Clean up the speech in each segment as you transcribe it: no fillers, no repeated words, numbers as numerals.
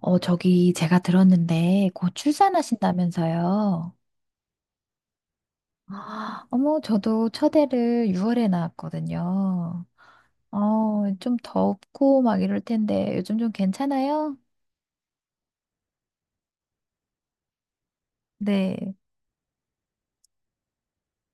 저기 제가 들었는데 곧 출산하신다면서요. 아, 어머, 저도 첫애를 6월에 낳았거든요. 좀 덥고 막 이럴 텐데 요즘 좀 괜찮아요? 네,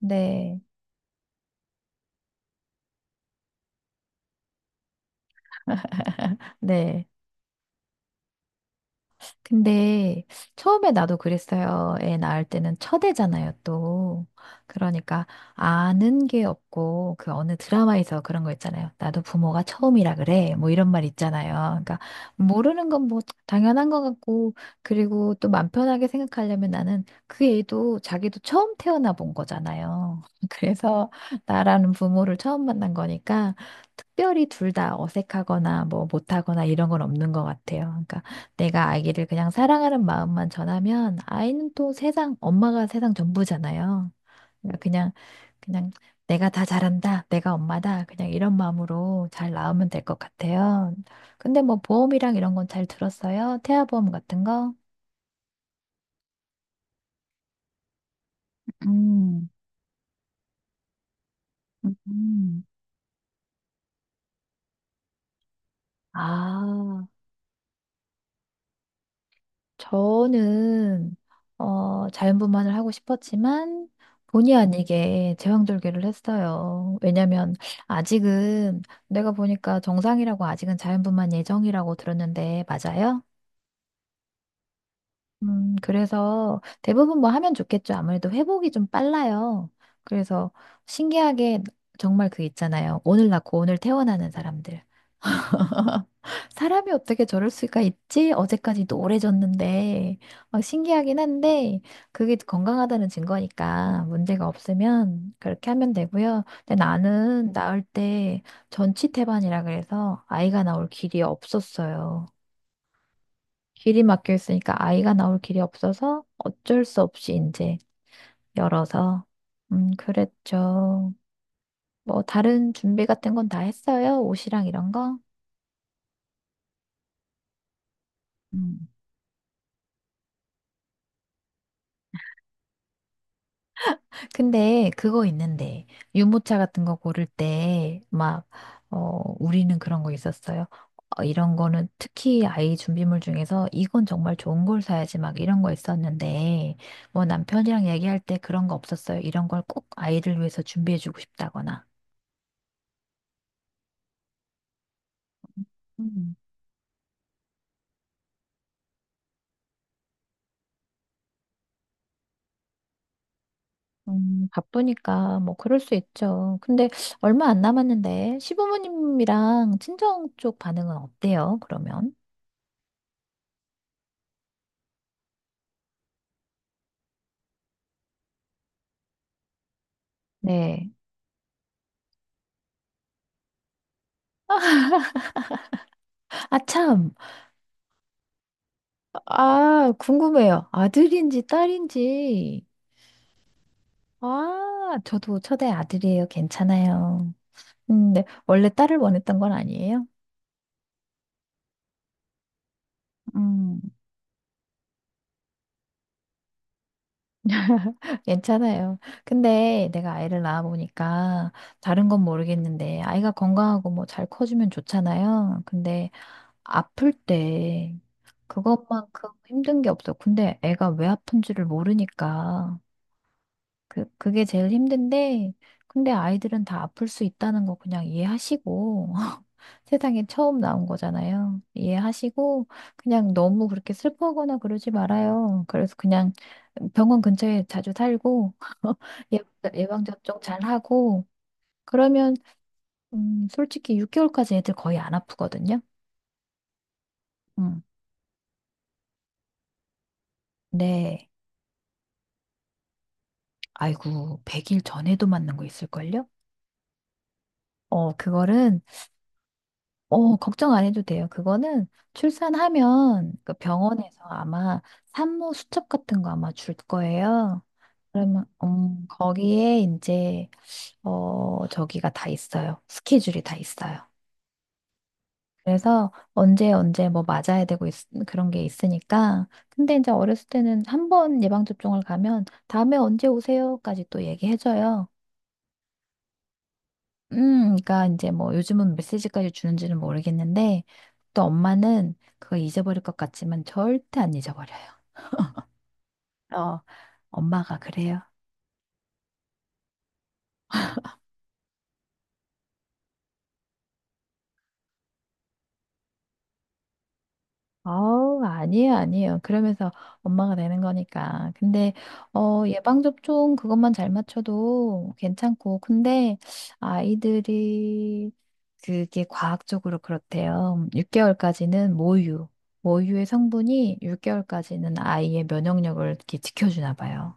네, 네. 근데 처음에 나도 그랬어요. 애 낳을 때는 첫애잖아요, 또. 그러니까 아는 게 없고 그 어느 드라마에서 그런 거 있잖아요. 나도 부모가 처음이라 그래. 뭐 이런 말 있잖아요. 그러니까 모르는 건 뭐 당연한 것 같고 그리고 또 맘 편하게 생각하려면 나는 그 애도 자기도 처음 태어나 본 거잖아요. 그래서 나라는 부모를 처음 만난 거니까 특별히 둘 다 어색하거나 뭐 못하거나 이런 건 없는 것 같아요. 그러니까 내가 아기를 그냥 사랑하는 마음만 전하면 아이는 또 세상, 엄마가 세상 전부잖아요. 그러니까 그냥 내가 다 잘한다, 내가 엄마다, 그냥 이런 마음으로 잘 낳으면 될 것 같아요. 근데 뭐 보험이랑 이런 건 잘 들었어요? 태아보험 같은 거? 음, 음. 아, 저는 자연분만을 하고 싶었지만 본의 아니게 제왕절개를 했어요. 왜냐면 아직은 내가 보니까 정상이라고 아직은 자연분만 예정이라고 들었는데 맞아요? 그래서 대부분 뭐 하면 좋겠죠. 아무래도 회복이 좀 빨라요. 그래서 신기하게 정말 그 있잖아요. 오늘 낳고 오늘 퇴원하는 사람들. 사람이 어떻게 저럴 수가 있지? 어제까지 노래졌는데 막 신기하긴 한데 그게 건강하다는 증거니까 문제가 없으면 그렇게 하면 되고요. 근데 나는 낳을 때 전치태반이라 그래서 아이가 나올 길이 없었어요. 길이 막혀 있으니까 아이가 나올 길이 없어서 어쩔 수 없이 이제 열어서 그랬죠. 뭐 다른 준비 같은 건 다 했어요? 옷이랑 이런 거? 근데 그거 있는데 유모차 같은 거 고를 때 막 우리는 그런 거 있었어요. 이런 거는 특히 아이 준비물 중에서 이건 정말 좋은 걸 사야지 막 이런 거 있었는데 뭐 남편이랑 얘기할 때 그런 거 없었어요. 이런 걸 꼭 아이를 위해서 준비해주고 싶다거나. 음. 바쁘니까 뭐 그럴 수 있죠. 근데 얼마 안 남았는데 시부모님이랑 친정 쪽 반응은 어때요? 그러면? 네. 아, 참. 아, 궁금해요. 아들인지 딸인지. 아, 저도 첫애 아들이에요. 괜찮아요. 네. 원래 딸을 원했던 건 아니에요? 음, 괜찮아요. 근데 내가 아이를 낳아보니까 다른 건 모르겠는데 아이가 건강하고 뭐 잘 커주면 좋잖아요. 근데 아플 때 그것만큼 힘든 게 없어. 근데 애가 왜 아픈지를 모르니까. 그게 제일 힘든데, 근데 아이들은 다 아플 수 있다는 거 그냥 이해하시고, 세상에 처음 나온 거잖아요. 이해하시고, 그냥 너무 그렇게 슬퍼하거나 그러지 말아요. 그래서 그냥 병원 근처에 자주 살고, 예방접종 예방접종 잘 하고, 그러면, 솔직히 6개월까지 애들 거의 안 아프거든요. 음. 네. 아이고, 100일 전에도 맞는 거 있을걸요? 그거는 걱정 안 해도 돼요. 그거는 출산하면 그 병원에서 아마 산모 수첩 같은 거 아마 줄 거예요. 그러면 거기에 이제 저기가 다 있어요. 스케줄이 다 있어요. 그래서 언제 언제 뭐 맞아야 되고 그런 게 있으니까 근데 이제 어렸을 때는 한 번 예방접종을 가면 다음에 언제 오세요까지 또 얘기해줘요. 그러니까 이제 뭐 요즘은 메시지까지 주는지는 모르겠는데 또 엄마는 그거 잊어버릴 것 같지만 절대 안 잊어버려요. 어, 엄마가 그래요. 아우, 아니에요, 아니에요. 그러면서 엄마가 되는 거니까. 근데 예방접종 그것만 잘 맞춰도 괜찮고 근데 아이들이 그게 과학적으로 그렇대요. 6개월까지는 모유의 성분이 6개월까지는 아이의 면역력을 이렇게 지켜주나 봐요.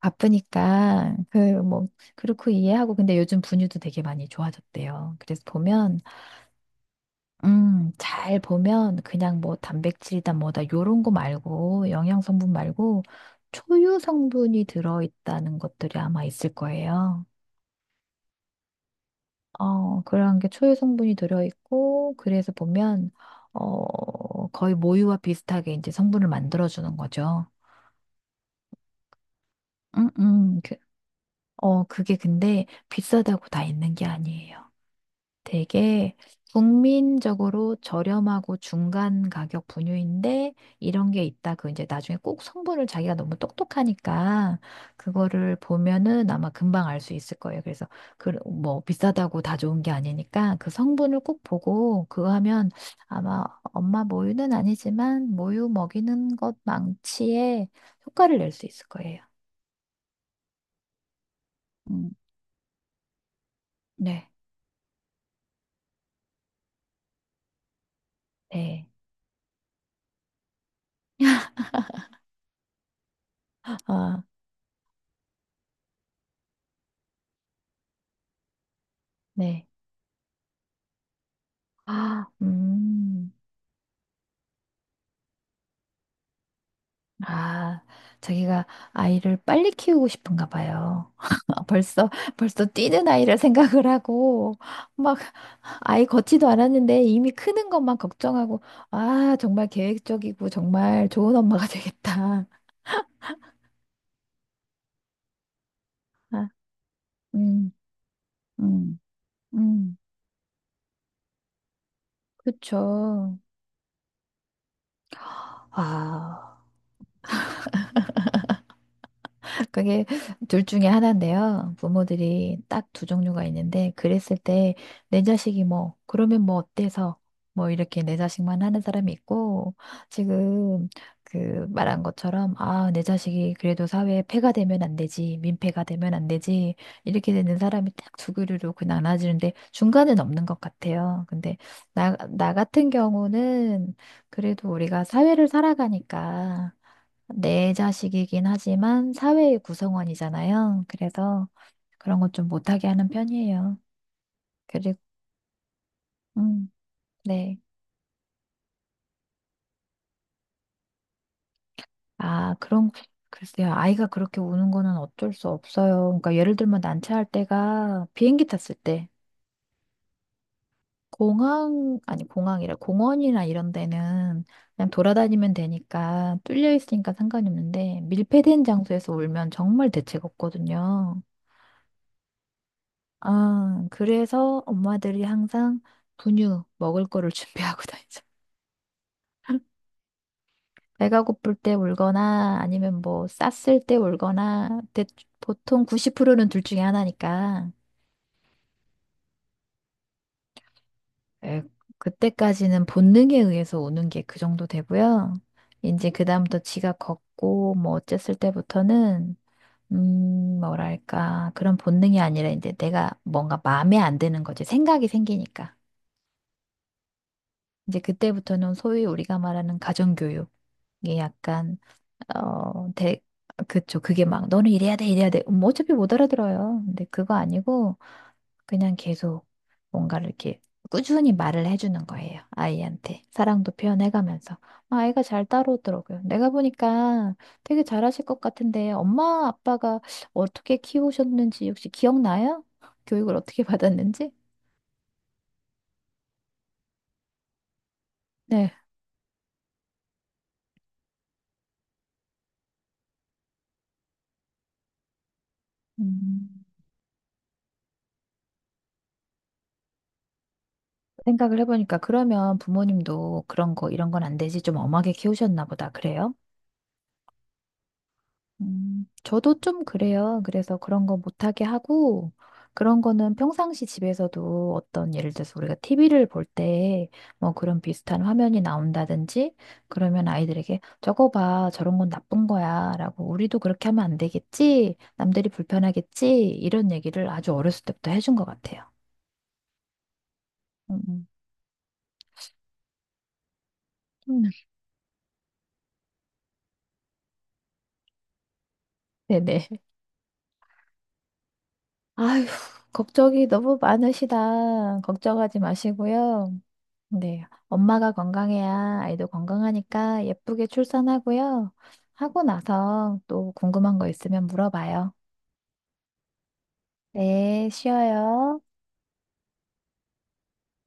바쁘니까 그 뭐 그렇고 이해하고 근데 요즘 분유도 되게 많이 좋아졌대요. 그래서 보면 잘 보면 그냥 뭐 단백질이다 뭐다 요런 거 말고 영양 성분 말고 초유 성분이 들어 있다는 것들이 아마 있을 거예요. 그런 게 초유 성분이 들어 있고 그래서 보면 거의 모유와 비슷하게 이제 성분을 만들어 주는 거죠. 음, 음. 그, 그게 근데 비싸다고 다 있는 게 아니에요. 되게 국민적으로 저렴하고 중간 가격 분유인데 이런 게 있다. 그 이제 나중에 꼭 성분을 자기가 너무 똑똑하니까 그거를 보면은 아마 금방 알 수 있을 거예요. 그래서 그 뭐 비싸다고 다 좋은 게 아니니까 그 성분을 꼭 보고 그거 하면 아마 엄마 모유는 아니지만 모유 먹이는 것 망치에 효과를 낼 수 있을 거예요. 음. 네. 네. 아, 네. 아, 아, 자기가 아이를 빨리 키우고 싶은가 봐요. 벌써, 벌써 뛰는 아이를 생각을 하고, 막, 아이 걷지도 않았는데 이미 크는 것만 걱정하고, 아, 정말 계획적이고, 정말 좋은 엄마가 되겠다. 아, 음, 음, 음, 그쵸. 아. 그게 둘 중에 하나인데요. 부모들이 딱 두 종류가 있는데, 그랬을 때, 내 자식이 뭐, 그러면 뭐 어때서, 뭐 이렇게 내 자식만 하는 사람이 있고, 지금 그 말한 것처럼, 아, 내 자식이 그래도 사회에 폐가 되면 안 되지, 민폐가 되면 안 되지, 이렇게 되는 사람이 딱 두 그루로 그 나눠지는데, 중간은 없는 것 같아요. 근데 나 같은 경우는 그래도 우리가 사회를 살아가니까, 내 자식이긴 하지만 사회의 구성원이잖아요. 그래서 그런 것 좀 못하게 하는 편이에요. 그리고, 음, 네. 아, 글쎄요. 아이가 그렇게 우는 거는 어쩔 수 없어요. 그러니까 예를 들면 난차할 때가 비행기 탔을 때, 공항, 아니, 공항이라, 공원이나 이런 데는 그냥 돌아다니면 되니까 뚫려 있으니까 상관이 없는데, 밀폐된 장소에서 울면 정말 대책 없거든요. 아, 그래서 엄마들이 항상 분유 먹을 거를 준비하고 다니죠. 배가 고플 때 울거나 아니면 뭐 쌌을 때 울거나 보통 90%는 둘 중에 하나니까 에, 그때까지는 본능에 의해서 우는 게 그 정도 되고요. 이제 그다음부터 지가 걷고 뭐 어쨌을 때부터는 뭐랄까 그런 본능이 아니라 이제 내가 뭔가 마음에 안 드는 거지 생각이 생기니까. 이제 그때부터는 소위 우리가 말하는 가정교육. 이게 약간, 어, 대, 그쵸. 그게 막, 너는 이래야 돼, 이래야 돼. 뭐 어차피 못 알아들어요. 근데 그거 아니고, 그냥 계속 뭔가를 이렇게 꾸준히 말을 해주는 거예요. 아이한테. 사랑도 표현해가면서. 아, 아이가 잘 따라오더라고요. 내가 보니까 되게 잘하실 것 같은데, 엄마, 아빠가 어떻게 키우셨는지 혹시 기억나요? 교육을 어떻게 받았는지? 네. 음. 생각을 해보니까 그러면 부모님도 그런 거, 이런 건 안 되지 좀 엄하게 키우셨나 보다. 그래요? 저도 좀 그래요. 그래서 그런 거 못하게 하고, 그런 거는 평상시 집에서도 어떤 예를 들어서 우리가 TV를 볼 때 뭐 그런 비슷한 화면이 나온다든지 그러면 아이들에게 저거 봐, 저런 건 나쁜 거야 라고 우리도 그렇게 하면 안 되겠지? 남들이 불편하겠지? 이런 얘기를 아주 어렸을 때부터 해준 것 같아요. 음, 음. 네네. 아휴, 걱정이 너무 많으시다. 걱정하지 마시고요. 네, 엄마가 건강해야 아이도 건강하니까 예쁘게 출산하고요. 하고 나서 또 궁금한 거 있으면 물어봐요. 네, 쉬어요.